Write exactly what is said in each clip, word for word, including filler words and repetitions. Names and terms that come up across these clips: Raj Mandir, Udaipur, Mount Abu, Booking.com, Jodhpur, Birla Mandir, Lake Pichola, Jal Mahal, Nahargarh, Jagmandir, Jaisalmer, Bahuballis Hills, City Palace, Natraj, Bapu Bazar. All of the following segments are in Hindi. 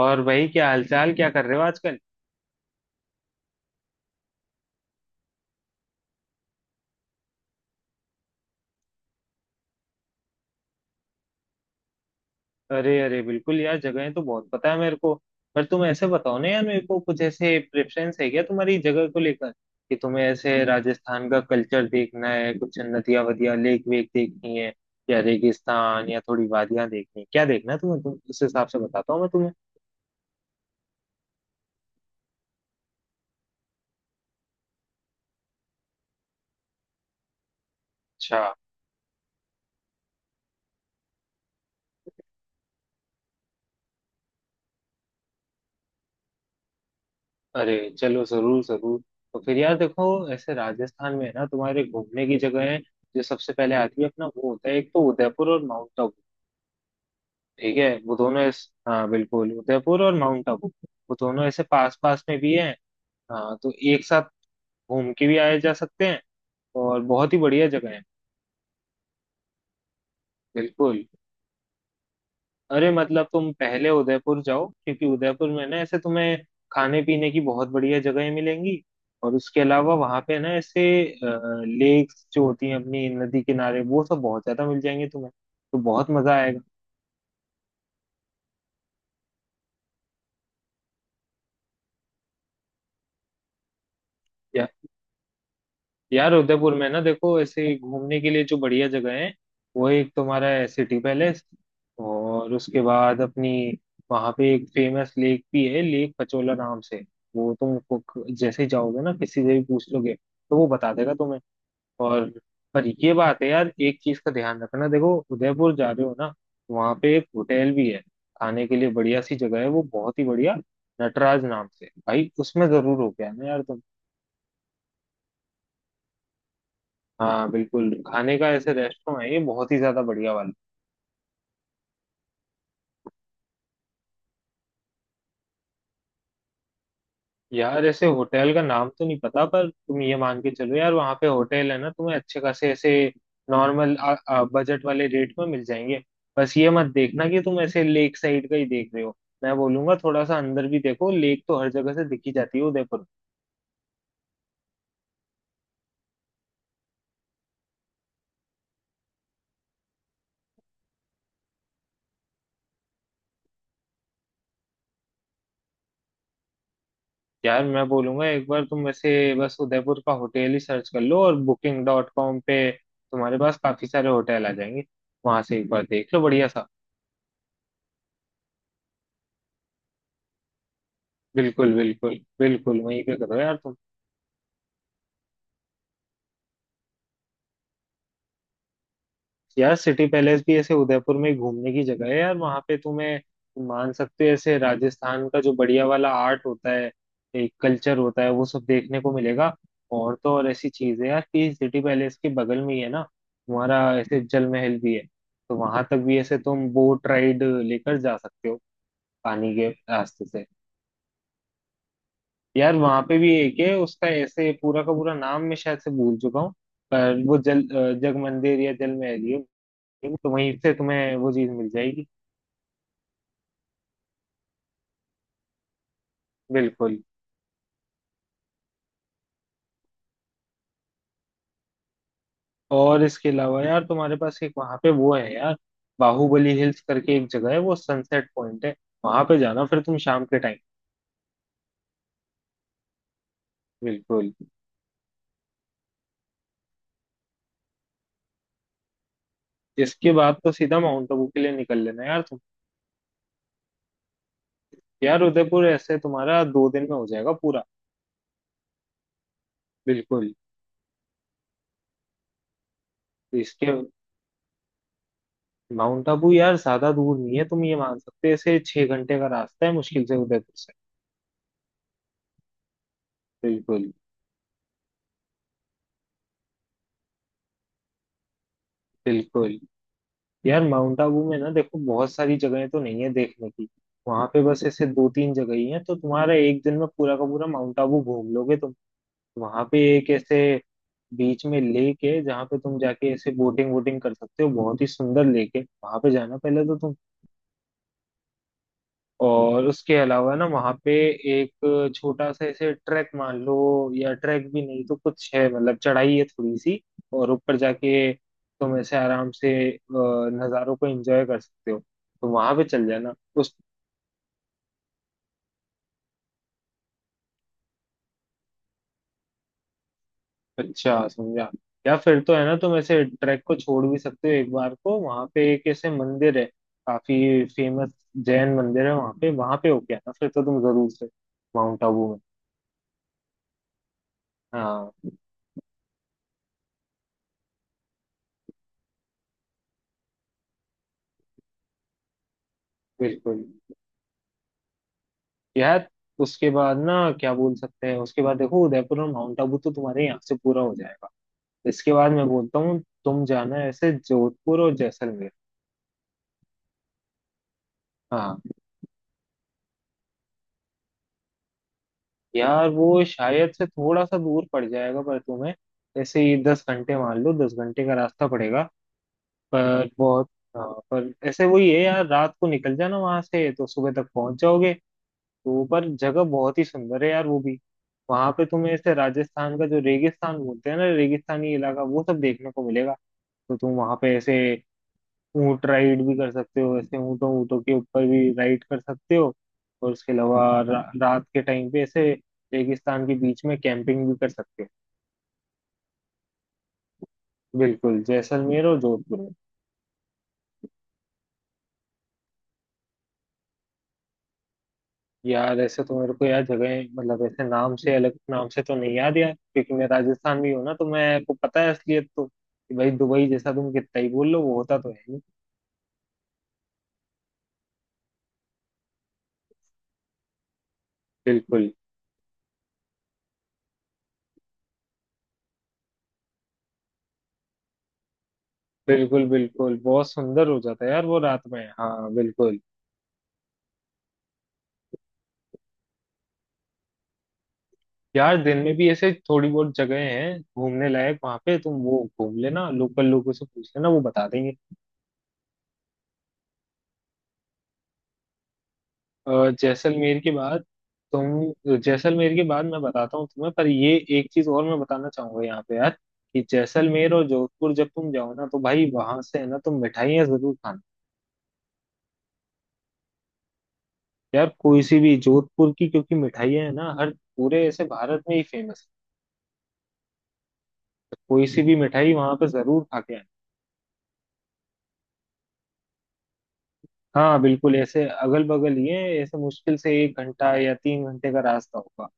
और भाई क्या हालचाल, क्या कर रहे हो आजकल। अरे अरे, बिल्कुल यार, जगहें तो बहुत पता है मेरे को। पर तुम ऐसे बताओ ना यार मेरे को, कुछ ऐसे प्रेफरेंस है क्या तुम्हारी जगह को लेकर? कि तुम्हें ऐसे राजस्थान का कल्चर देखना है, कुछ नदियां वदियां लेक वेक देखनी है, या रेगिस्तान, या थोड़ी वादियां देखनी है? क्या देखना है तुम्हें, तुम उस हिसाब से बताता हूँ मैं तुम्हें। अच्छा। अरे चलो, जरूर जरूर। तो फिर यार देखो, ऐसे राजस्थान में है ना तुम्हारे घूमने की जगह है, जो सबसे पहले आती है अपना, वो होता है एक तो उदयपुर और माउंट आबू। ठीक है, वो दोनों ऐस- हाँ बिल्कुल, उदयपुर और माउंट आबू। वो दोनों ऐसे पास पास में भी हैं। हाँ, तो एक साथ घूम के भी आए जा सकते हैं। और बहुत ही बढ़िया जगह है। बिल्कुल। अरे मतलब तुम पहले उदयपुर जाओ, क्योंकि उदयपुर में ना ऐसे तुम्हें खाने पीने की बहुत बढ़िया जगहें मिलेंगी। और उसके अलावा वहां पे ना ऐसे लेक्स जो होती हैं अपनी नदी किनारे, वो सब बहुत ज्यादा मिल जाएंगे तुम्हें। तो बहुत मजा आएगा। यार उदयपुर में ना देखो, ऐसे ही घूमने के लिए जो बढ़िया जगह है, वो एक तुम्हारा है सिटी पैलेस। और उसके बाद अपनी वहां पे एक फेमस लेक भी है, लेक पचोला नाम से। वो तुम को- जैसे ही जाओगे ना किसी से भी पूछ लोगे तो वो बता देगा तुम्हें। और पर ये बात है यार, एक चीज का ध्यान रखना, देखो उदयपुर जा रहे हो ना, वहां पे एक होटल भी है, खाने के लिए बढ़िया सी जगह है, वो बहुत ही बढ़िया, नटराज नाम से भाई, उसमें जरूर हो गया ना यार तुम। हाँ बिल्कुल, खाने का ऐसे रेस्टोरेंट है ये, बहुत ही ज्यादा बढ़िया वाला। यार ऐसे होटल का नाम तो नहीं पता, पर तुम ये मान के चलो यार वहाँ पे होटल है ना, तुम्हें अच्छे खासे ऐसे नॉर्मल बजट वाले रेट में मिल जाएंगे। बस ये मत देखना कि तुम ऐसे लेक साइड का ही देख रहे हो, मैं बोलूंगा थोड़ा सा अंदर भी देखो, लेक तो हर जगह से दिखी जाती है उदयपुर। यार मैं बोलूंगा एक बार तुम वैसे बस उदयपुर का होटल ही सर्च कर लो और बुकिंग डॉट कॉम पे तुम्हारे पास काफी सारे होटल आ जाएंगे, वहां से एक बार देख लो बढ़िया सा। बिल्कुल बिल्कुल बिल्कुल वहीं पे करो यार तुम। यार सिटी पैलेस भी ऐसे उदयपुर में ही घूमने की जगह है यार, वहां पे तुम्हें, तुम मान सकते हो ऐसे राजस्थान का जो बढ़िया वाला आर्ट होता है, एक कल्चर होता है, वो सब देखने को मिलेगा। और तो और ऐसी चीज है यार, कि सिटी पैलेस के बगल में ही है ना तुम्हारा ऐसे जल महल भी है, तो वहां तक भी ऐसे तुम बोट राइड लेकर जा सकते हो, पानी के रास्ते से। यार वहां पे भी एक है, उसका ऐसे पूरा का पूरा नाम मैं शायद से भूल चुका हूँ, पर वो जल अ, जग मंदिर या जल महल ही है, तो वहीं से तुम्हें वो चीज मिल जाएगी। बिल्कुल। और इसके अलावा यार तुम्हारे पास एक वहां पे वो है यार, बाहुबली हिल्स करके एक जगह है, वो सनसेट पॉइंट है, वहां पे जाना फिर तुम शाम के टाइम। बिल्कुल। इसके बाद तो सीधा माउंट आबू के लिए निकल लेना यार तुम। यार उदयपुर ऐसे तुम्हारा दो दिन में हो जाएगा पूरा। बिल्कुल। इसके माउंट आबू यार ज्यादा दूर नहीं है, तुम ये मान सकते हो इसे, छह घंटे का रास्ता है मुश्किल से उदयपुर से। बिल्कुल। बिल्कुल। यार माउंट आबू में ना देखो, बहुत सारी जगहें तो नहीं है देखने की, वहां पे बस ऐसे दो तीन जगह ही हैं, तो तुम्हारा एक दिन में पूरा का पूरा माउंट आबू घूम लोगे तुम। वहां पे एक ऐसे बीच में लेक है जहाँ पे तुम जाके ऐसे बोटिंग वोटिंग कर सकते हो, बहुत ही सुंदर लेक है, वहां पे जाना पहले तो तुम। और उसके अलावा ना वहाँ पे एक छोटा सा ऐसे ट्रैक मान लो, या ट्रैक भी नहीं तो कुछ है, मतलब चढ़ाई है थोड़ी सी, और ऊपर जाके तुम ऐसे आराम से अ, नज़ारों को एंजॉय कर सकते हो, तो वहां पे चल जाना उस। अच्छा समझा। या फिर तो है ना तुम ऐसे ट्रैक को छोड़ भी सकते हो एक बार को, वहां पे एक ऐसे मंदिर है काफी फेमस, जैन मंदिर है, वहां पे, वहां पे होके आना फिर तो तुम जरूर से, माउंट आबू में। हाँ बिल्कुल। यार उसके बाद ना, क्या बोल सकते हैं, उसके बाद देखो उदयपुर और माउंट आबू तो तुम्हारे यहाँ से पूरा हो जाएगा, इसके बाद मैं बोलता हूँ तुम जाना ऐसे जोधपुर और जैसलमेर। हाँ। यार वो शायद से थोड़ा सा दूर पड़ जाएगा, पर तुम्हें ऐसे ही दस घंटे मान लो, दस घंटे का रास्ता पड़ेगा। पर बहुत। हाँ, पर ऐसे वही है यार, रात को निकल जाना वहां से तो सुबह तक पहुंच जाओगे। तो पर जगह बहुत ही सुंदर है यार वो भी। वहां पे तुम्हें ऐसे राजस्थान का जो रेगिस्तान बोलते हैं ना, रेगिस्तानी इलाका, वो सब देखने को मिलेगा। तो तुम वहां पे ऐसे ऊंट राइड भी कर सकते हो, ऐसे ऊंटों ऊंटों के ऊपर भी राइड कर सकते हो। और उसके अलावा रा, रात के टाइम पे ऐसे रेगिस्तान के बीच में कैंपिंग भी कर सकते हो। बिल्कुल, जैसलमेर और जोधपुर में। यार ऐसे तो मेरे को यार, जगह मतलब ऐसे नाम से, अलग नाम से तो नहीं याद यार, क्योंकि मैं राजस्थान में हूँ ना, तो मैं को पता है असलियत तो, कि भाई दुबई जैसा तुम कितना ही बोल लो, वो होता तो है नहीं। बिल्कुल बिल्कुल बिल्कुल बहुत सुंदर हो जाता है यार वो रात में, हाँ बिल्कुल। यार दिन में भी ऐसे थोड़ी बहुत जगह हैं घूमने लायक, वहां पे तुम वो घूम लेना, लोकल लोगों से पूछ लेना, वो बता देंगे। अ, जैसलमेर के बाद, तुम जैसलमेर के बाद मैं बताता हूँ तुम्हें, पर ये एक चीज और मैं बताना चाहूंगा यहाँ पे यार, कि जैसलमेर और जोधपुर जब तुम जाओ ना, तो भाई वहां से है ना तुम मिठाइयाँ जरूर खाना। यार कोई सी भी, जोधपुर की क्योंकि मिठाइयाँ है ना, हर पूरे ऐसे भारत में ही फेमस है, कोई सी भी मिठाई वहां पे जरूर खा के आना। हाँ बिल्कुल, ऐसे अगल बगल ही है, ऐसे मुश्किल से एक घंटा या तीन घंटे का रास्ता होगा।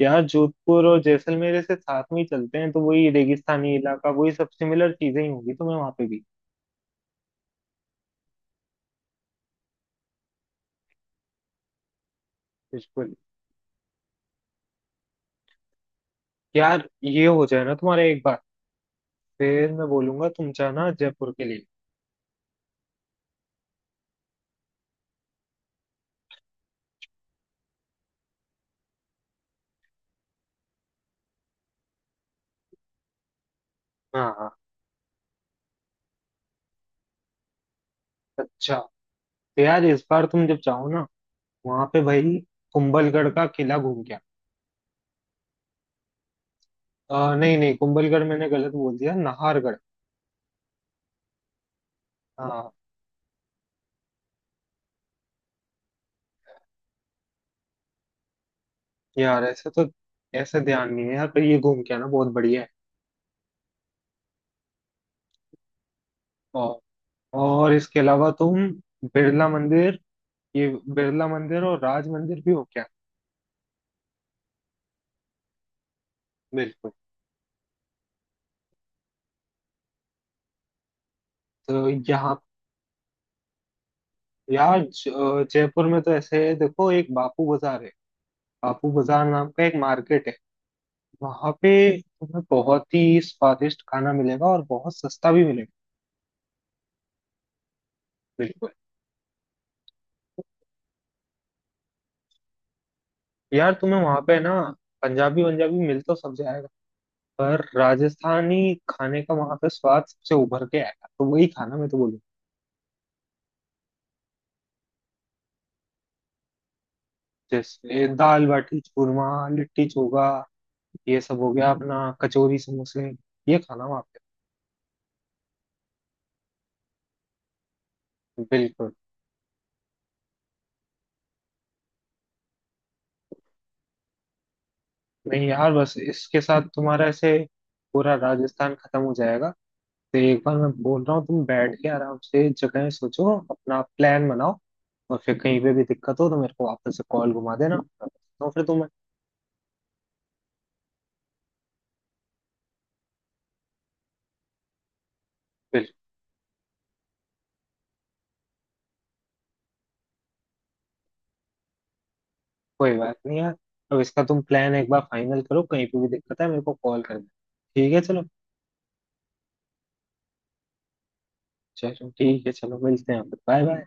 यहाँ जोधपुर और जैसलमेर से साथ में ही चलते हैं, तो वही रेगिस्तानी इलाका, वही सब सिमिलर चीजें ही होंगी तुम्हें वहां पे भी। बिल्कुल। यार ये हो जाए ना तुम्हारा एक बार, फिर मैं बोलूंगा तुम जाना जयपुर के लिए। हाँ हाँ। अच्छा तो यार इस बार तुम जब जाओ ना, वहां पे भाई कुंभलगढ़ का किला घूम गया। आ, नहीं नहीं कुंभलगढ़ मैंने गलत बोल दिया, नाहरगढ़। हाँ। यार ऐसे तो, ऐसे ध्यान नहीं है यार, पर ये घूम के आना बहुत बढ़िया है। और और इसके अलावा तुम बिरला मंदिर, ये बिरला मंदिर और राज मंदिर भी हो क्या। बिल्कुल। तो यहाँ, यार ज- अ, जयपुर में तो ऐसे है देखो, एक बापू बाजार है, बापू बाजार नाम का एक मार्केट है, वहां पे तुम्हें बहुत ही स्वादिष्ट खाना मिलेगा और बहुत सस्ता भी मिलेगा। बिल्कुल। यार तुम्हें वहां पे ना पंजाबी पंजाबी मिल तो सब जाएगा, पर राजस्थानी खाने का वहां पे स्वाद सबसे उभर के आएगा, तो वही खाना मैं तो बोलूंगा। जैसे दाल बाटी चूरमा, लिट्टी चोखा, ये सब हो गया अपना कचौरी समोसे, ये खाना वहाँ पे बिल्कुल। नहीं यार, बस इसके साथ तुम्हारा ऐसे पूरा राजस्थान खत्म हो जाएगा। तो एक बार मैं बोल रहा हूँ तुम बैठ के आराम से जगह सोचो, अपना प्लान बनाओ, और फिर कहीं पे भी दिक्कत हो तो मेरे को वापस से कॉल घुमा देना, तो फिर तुम्हें। बिल्कुल। कोई बात नहीं यार, अब इसका तुम प्लान एक बार फाइनल करो, कहीं पे भी दिक्कत है मेरे को कॉल करना, ठीक है चलो। चलो ठीक है, चलो मिलते हैं, बाय बाय।